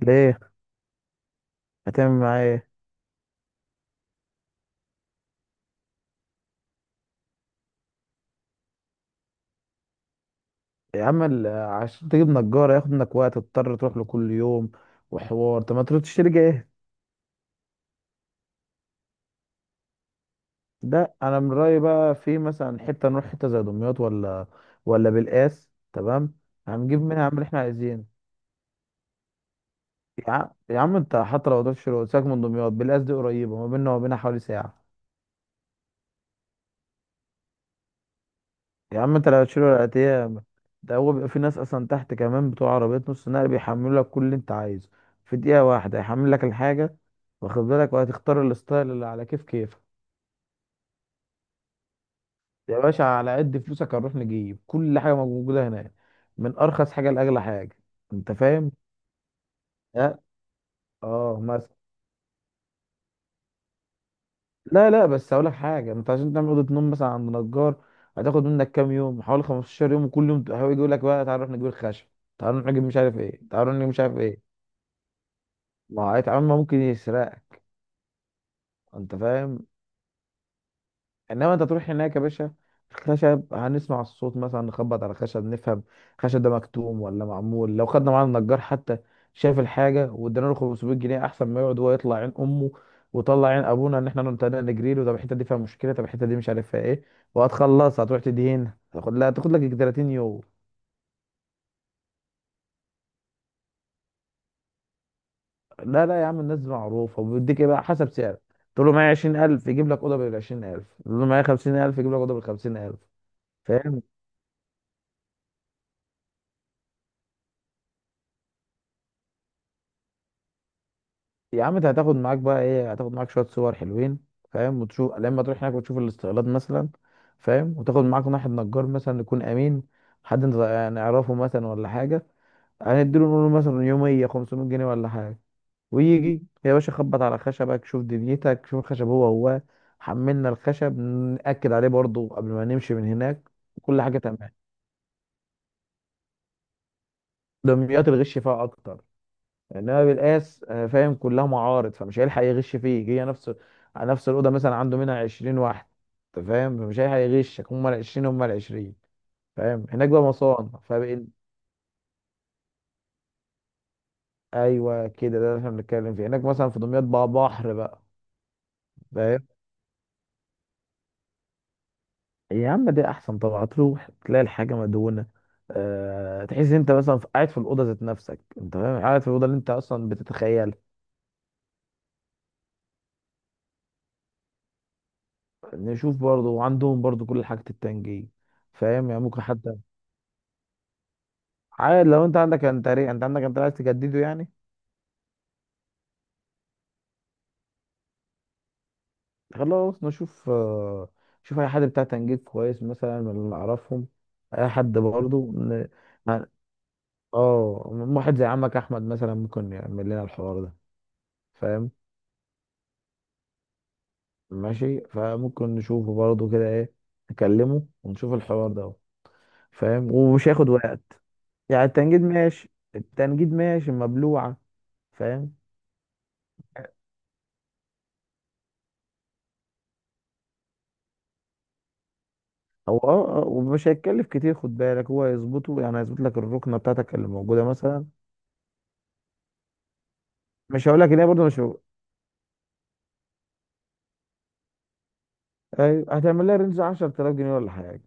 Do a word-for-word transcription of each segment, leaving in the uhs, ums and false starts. ليه؟ هتعمل معاه ايه؟ يا عم ال- عشان تجيب نجار هياخد منك وقت، تضطر تروح له كل يوم وحوار. طب ما تروح تشتري جاهز. ده انا من رايي بقى في مثلا حته، نروح حته زي دمياط ولا ولا بالقاس، تمام؟ هنجيب منها هنعمل اللي احنا عايزينه. يا ع- يا عم انت حتى لو تروح تشتري ساك من دمياط، بالقاس دي قريبه، ما بيننا وما بينها حوالي ساعه. يا عم انت لو هتشيله العتيه، ده هو بيبقى في ناس اصلا تحت كمان بتوع عربيات نص نقل بيحملوا لك كل اللي انت عايزه في دقيقه واحده، يحمل لك الحاجه، واخد بالك؟ وهتختار الستايل اللي على كيف كيفك. يا باشا على قد فلوسك هنروح نجيب كل حاجه موجوده هناك، من ارخص حاجه لاغلى حاجه. انت فاهم؟ لا. اه مثلا. لا لا، بس هقول لك حاجه، انت عشان تعمل اوضه نوم مثلا عند نجار، هتاخد منك كام يوم؟ حوالي 15 يوم، وكل يوم هو يجي يقول لك بقى تعال نروح نجيب الخشب، تعال نروح نجيب مش عارف ايه، تعال نروح نجيب مش عارف ايه. ما هو عمل، ممكن يسرقك. انت فاهم؟ انما انت تروح هناك يا باشا، خشب، هنسمع الصوت مثلا، نخبط على خشب نفهم خشب ده مكتوم ولا معمول. لو خدنا معانا النجار حتى، شاف الحاجه وادينا له خمسمائة جنيه، احسن ما يقعد هو يطلع عين امه وطلع عين ابونا ان احنا نبتدي نجري له. طب الحته دي فيها مشكله، طب الحته دي مش عارف فيها ايه. وهتخلص هتروح تدهن، هتاخد لا تاخد لك 30 يوم. لا لا يا عم، الناس دي معروفه، وبيديك ايه بقى حسب سعر. تقول له معايا عشرين الف يجيب لك اوضه بال بالعشرين الف، تقول له معايا خمسين الف يجيب لك اوضه بال الخمسين الف. فاهم؟ يا عم انت هتاخد معاك بقى ايه؟ هتاخد معاك شويه صور حلوين، فاهم؟ وتشوف لما تروح هناك، وتشوف الاستقلال مثلا، فاهم؟ وتاخد معاك واحد نجار مثلا يكون امين، حد انت يعني نعرفه مثلا ولا حاجه. هنديله، نقول له مثلا يوميه خمسمية جنيه ولا حاجه، ويجي يا باشا، خبط على خشبك، شوف دنيتك، شوف الخشب هو هو. حملنا الخشب نأكد عليه برضه قبل ما نمشي من هناك. كل حاجه تمام. دمياط الغش فيها اكتر، انما بالقاس آه، فاهم، كلها معارض، فمش هيلحق يغش فيك. هي نفس على نفس الاوضه، مثلا عنده منها عشرين واحد، انت فاهم؟ فمش هيلحق يغشك. هم ال العشرين هم ال العشرين، فاهم؟ هناك بقى مصانع فبقى. ايوه كده، ده اللي احنا بنتكلم فيه، هناك مثلا في دمياط بقى بحر بقى. فاهم؟ يا عم ده احسن طبعا، تروح تلاقي الحاجه مدهونه. أه، تحس انت مثلا في- قاعد في الاوضه ذات نفسك، انت فاهم؟ قاعد في الاوضه اللي انت اصلا بتتخيلها. نشوف برضو، وعندهم برضو كل حاجه، التنجيم، فاهم؟ يعني ممكن حتى. عادي، لو انت عندك انتري، انت عندك، انت عايز تجدده يعني. خلاص نشوف. آه، شوف اي حد بتاع تنجيد كويس مثلا من اللي نعرفهم، اي حد برضه ن- ه- اه. واحد زي عمك احمد مثلا ممكن يعمل لنا الحوار ده، فاهم؟ ماشي، فممكن نشوفه برضه كده ايه، نكلمه ونشوف الحوار ده، فاهم؟ ومش هياخد وقت. يعني التنجيد ماشي، التنجيد ماشي مبلوعة، فاهم؟ هو اه، آه، ومش هيتكلف كتير، خد بالك، هو هيظبطه يعني، هيظبط لك الركنه بتاعتك اللي موجوده مثلا. مش هقول لك ان هي برضه مش هو- ايوه. هتعمل لها رينج عشر الاف جنيه ولا حاجه.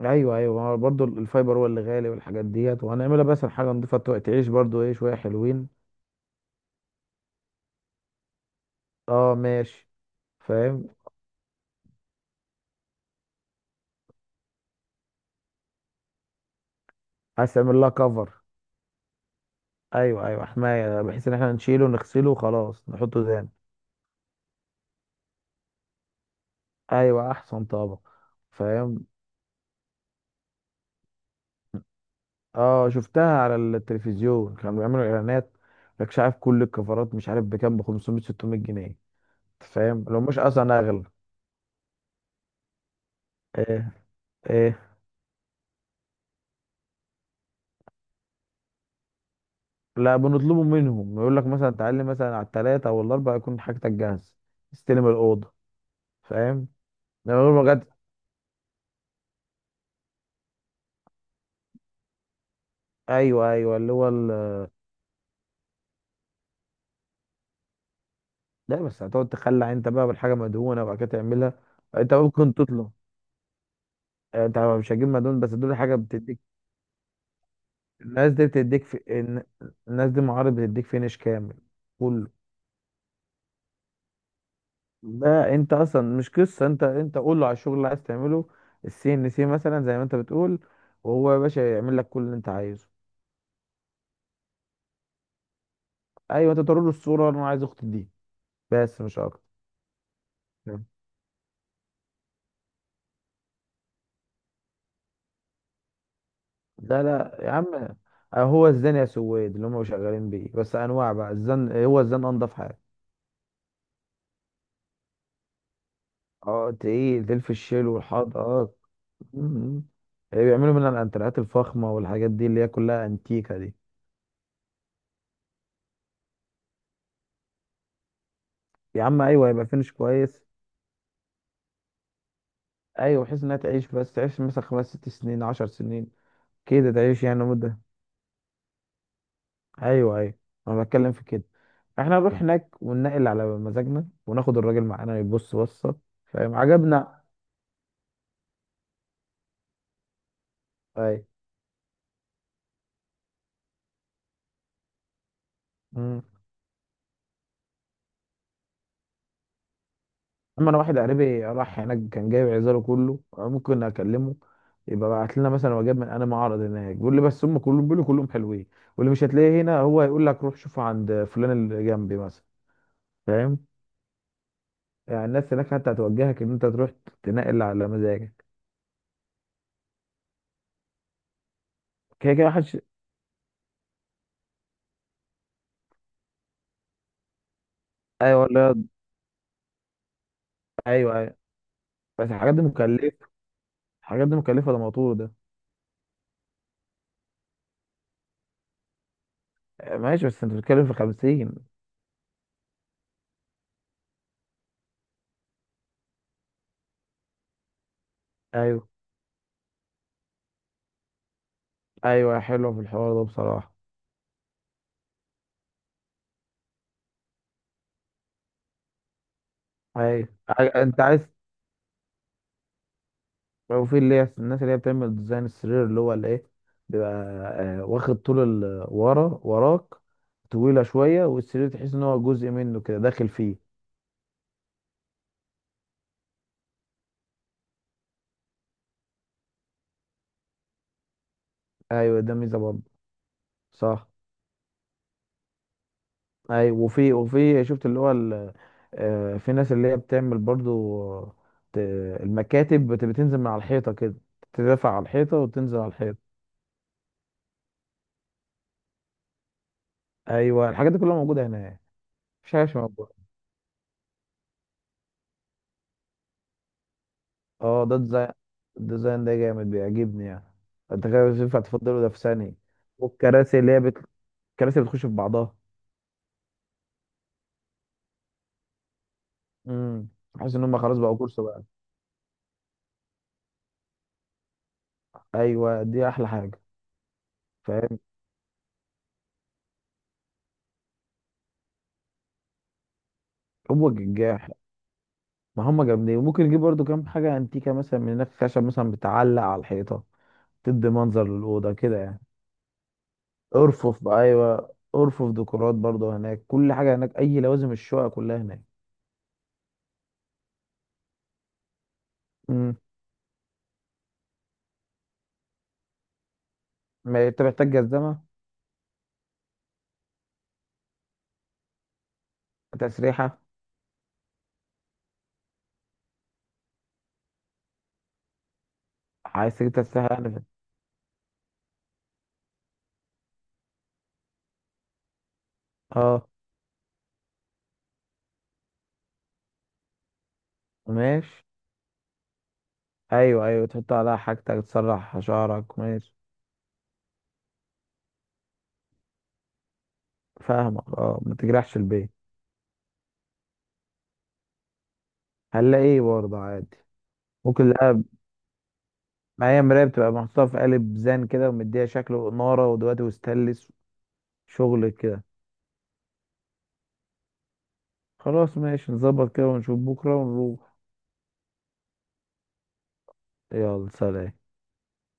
ايوه ايوه، ما هو برضه الفايبر هو اللي غالي، والحاجات ديت وهنعملها، بس حاجه نضيفه تعيش برضه ايه، شويه حلوين. اه ماشي. فاهم. عايز تعمل لها كفر؟ ايوه ايوه، حمايه، بحيث ان احنا نشيله نغسله وخلاص نحطه تاني. ايوه احسن طبعا. فاهم. اه شفتها على التلفزيون، كانوا بيعملوا اعلانات. مش عارف كل الكفرات مش عارف بكام، ب خمسمائة ستمية جنيه. أنت فاهم؟ لو مش اصلا اغلى. ايه؟ ايه؟ لا، بنطلبه منهم، يقول لك مثلا تعالي مثلا على الثلاثه او الاربعه، يكون حاجتك جاهزه، استلم الاوضه، فاهم؟ من غير ما جت. ايوه ايوه اللي هو ال... لا، بس هتقعد تخلع انت بقى بالحاجه مدهونه وبعد كده تعملها. انت ممكن تطلب. آه، انت مش هتجيب مدهون، بس دول حاجه بتديك. الناس دي بتديك في... الن- الناس دي معارض بتديك فينش كامل، كله. لا انت اصلا مش قصه انت، انت قول له على الشغل اللي عايز تعمله، السي ان سي مثلا زي ما انت بتقول، وهو يا باشا يعمل لك كل اللي انت عايزه. ايوه، انت توري له الصوره، انا عايز اختي دي، بس مش اكتر. نعم. لا لا يا عم. أه، هو الزن يا سويد اللي هم شغالين بيه، بس انواع بقى الزن، هو الزن انضف حاجه. اه تقيل، تقيل في الشيل والحط، اه. مم. بيعملوا منها الانتريهات الفخمه والحاجات دي اللي هي كلها انتيكه دي. يا عم ايوه، هيبقى فينش كويس. ايوه بحيث انها تعيش، بس تعيش مثلا خمس ست سنين عشر سنين كده، تعيش يعني مدة. ايوه ايوه، انا بتكلم في كده. احنا نروح هناك وننقل على مزاجنا، وناخد الراجل معانا يبص بصة. فاهم؟ عجبنا اي. مم. اما انا واحد قريبي راح هناك كان جايب عزاله كله، ممكن اكلمه، يبقى بعت لنا مثلا وجاب من انا معرض هناك، بيقول لي بس هم كلهم بيقولوا كلهم حلوين، واللي مش هتلاقيه هنا هو يقول لك روح شوفه عند فلان اللي جنبي مثلا، فاهم؟ يعني الناس هناك حتى هتوجهك ان انت تروح تنقل على مزاجك. كده كده محدش. ايوه. لا. ايوه ايوه. بس الحاجات دي مكلفه، الحاجات دي مكلفه، ده موتور ده. آه، ماشي، بس انت بتتكلم في خمسين. ايوه ايوه، حلوه في الحوار ده بصراحه. ايوه ع- انت عايز. لو في اللي هي الناس اللي هي بتعمل ديزاين السرير، اللي هو الايه، بيبقى آه، واخد طول ال- ورا وراك، طويله شويه، والسرير تحس ان هو جزء منه كده، داخل فيه. ايوه ده ميزه برضه. صح. اي، وفي وفي شفت اللي هو ال- آه، في ناس اللي هي بتعمل برضو، آه، ت- المكاتب بت- بتنزل من على الحيطه كده، تدافع على الحيطه وتنزل على الحيطه. ايوه الحاجات دي كلها موجوده هناك. مفيش حاجه مش موجوده. اه ده ديزاين، الديزاين ده جامد، بيعجبني يعني. انت كده مش ينفع تفضله، ده في ثانيه. والكراسي اللي هي بت... الكراسي بتخش في بعضها. امم. حاسس ان هم خلاص بقوا كورس بقى. ايوه دي احلى حاجه. فاهم. هو الجاح. ما هم جامدين، وممكن نجيب برضو كام حاجة انتيكة مثلا من هناك، خشب مثلا بتعلق على الحيطة، تدي منظر للأوضة كده يعني. ارفف بقى، أيوة ارفف، ديكورات برضو، هناك كل حاجة، هناك أي لوازم الشقة كلها هناك. امم. ما أنت محتاج جزمة. تسريحة. عايز تجيب تسريحة يعني في- اه. ماشي، أيوة أيوة تحط عليها حاجتك، تسرح شعرك، ماشي. فاهمك اه، ما تجرحش البيت. هنلاقي ايه برضه عادي. ممكن. لا، معايا مراية بتبقى محطوطة في قالب زان كده، ومديها شكل وإنارة ودلوقتي وستانلس، شغل كده. خلاص ماشي، نظبط كده ونشوف بكرة ونروح. يلا سلام.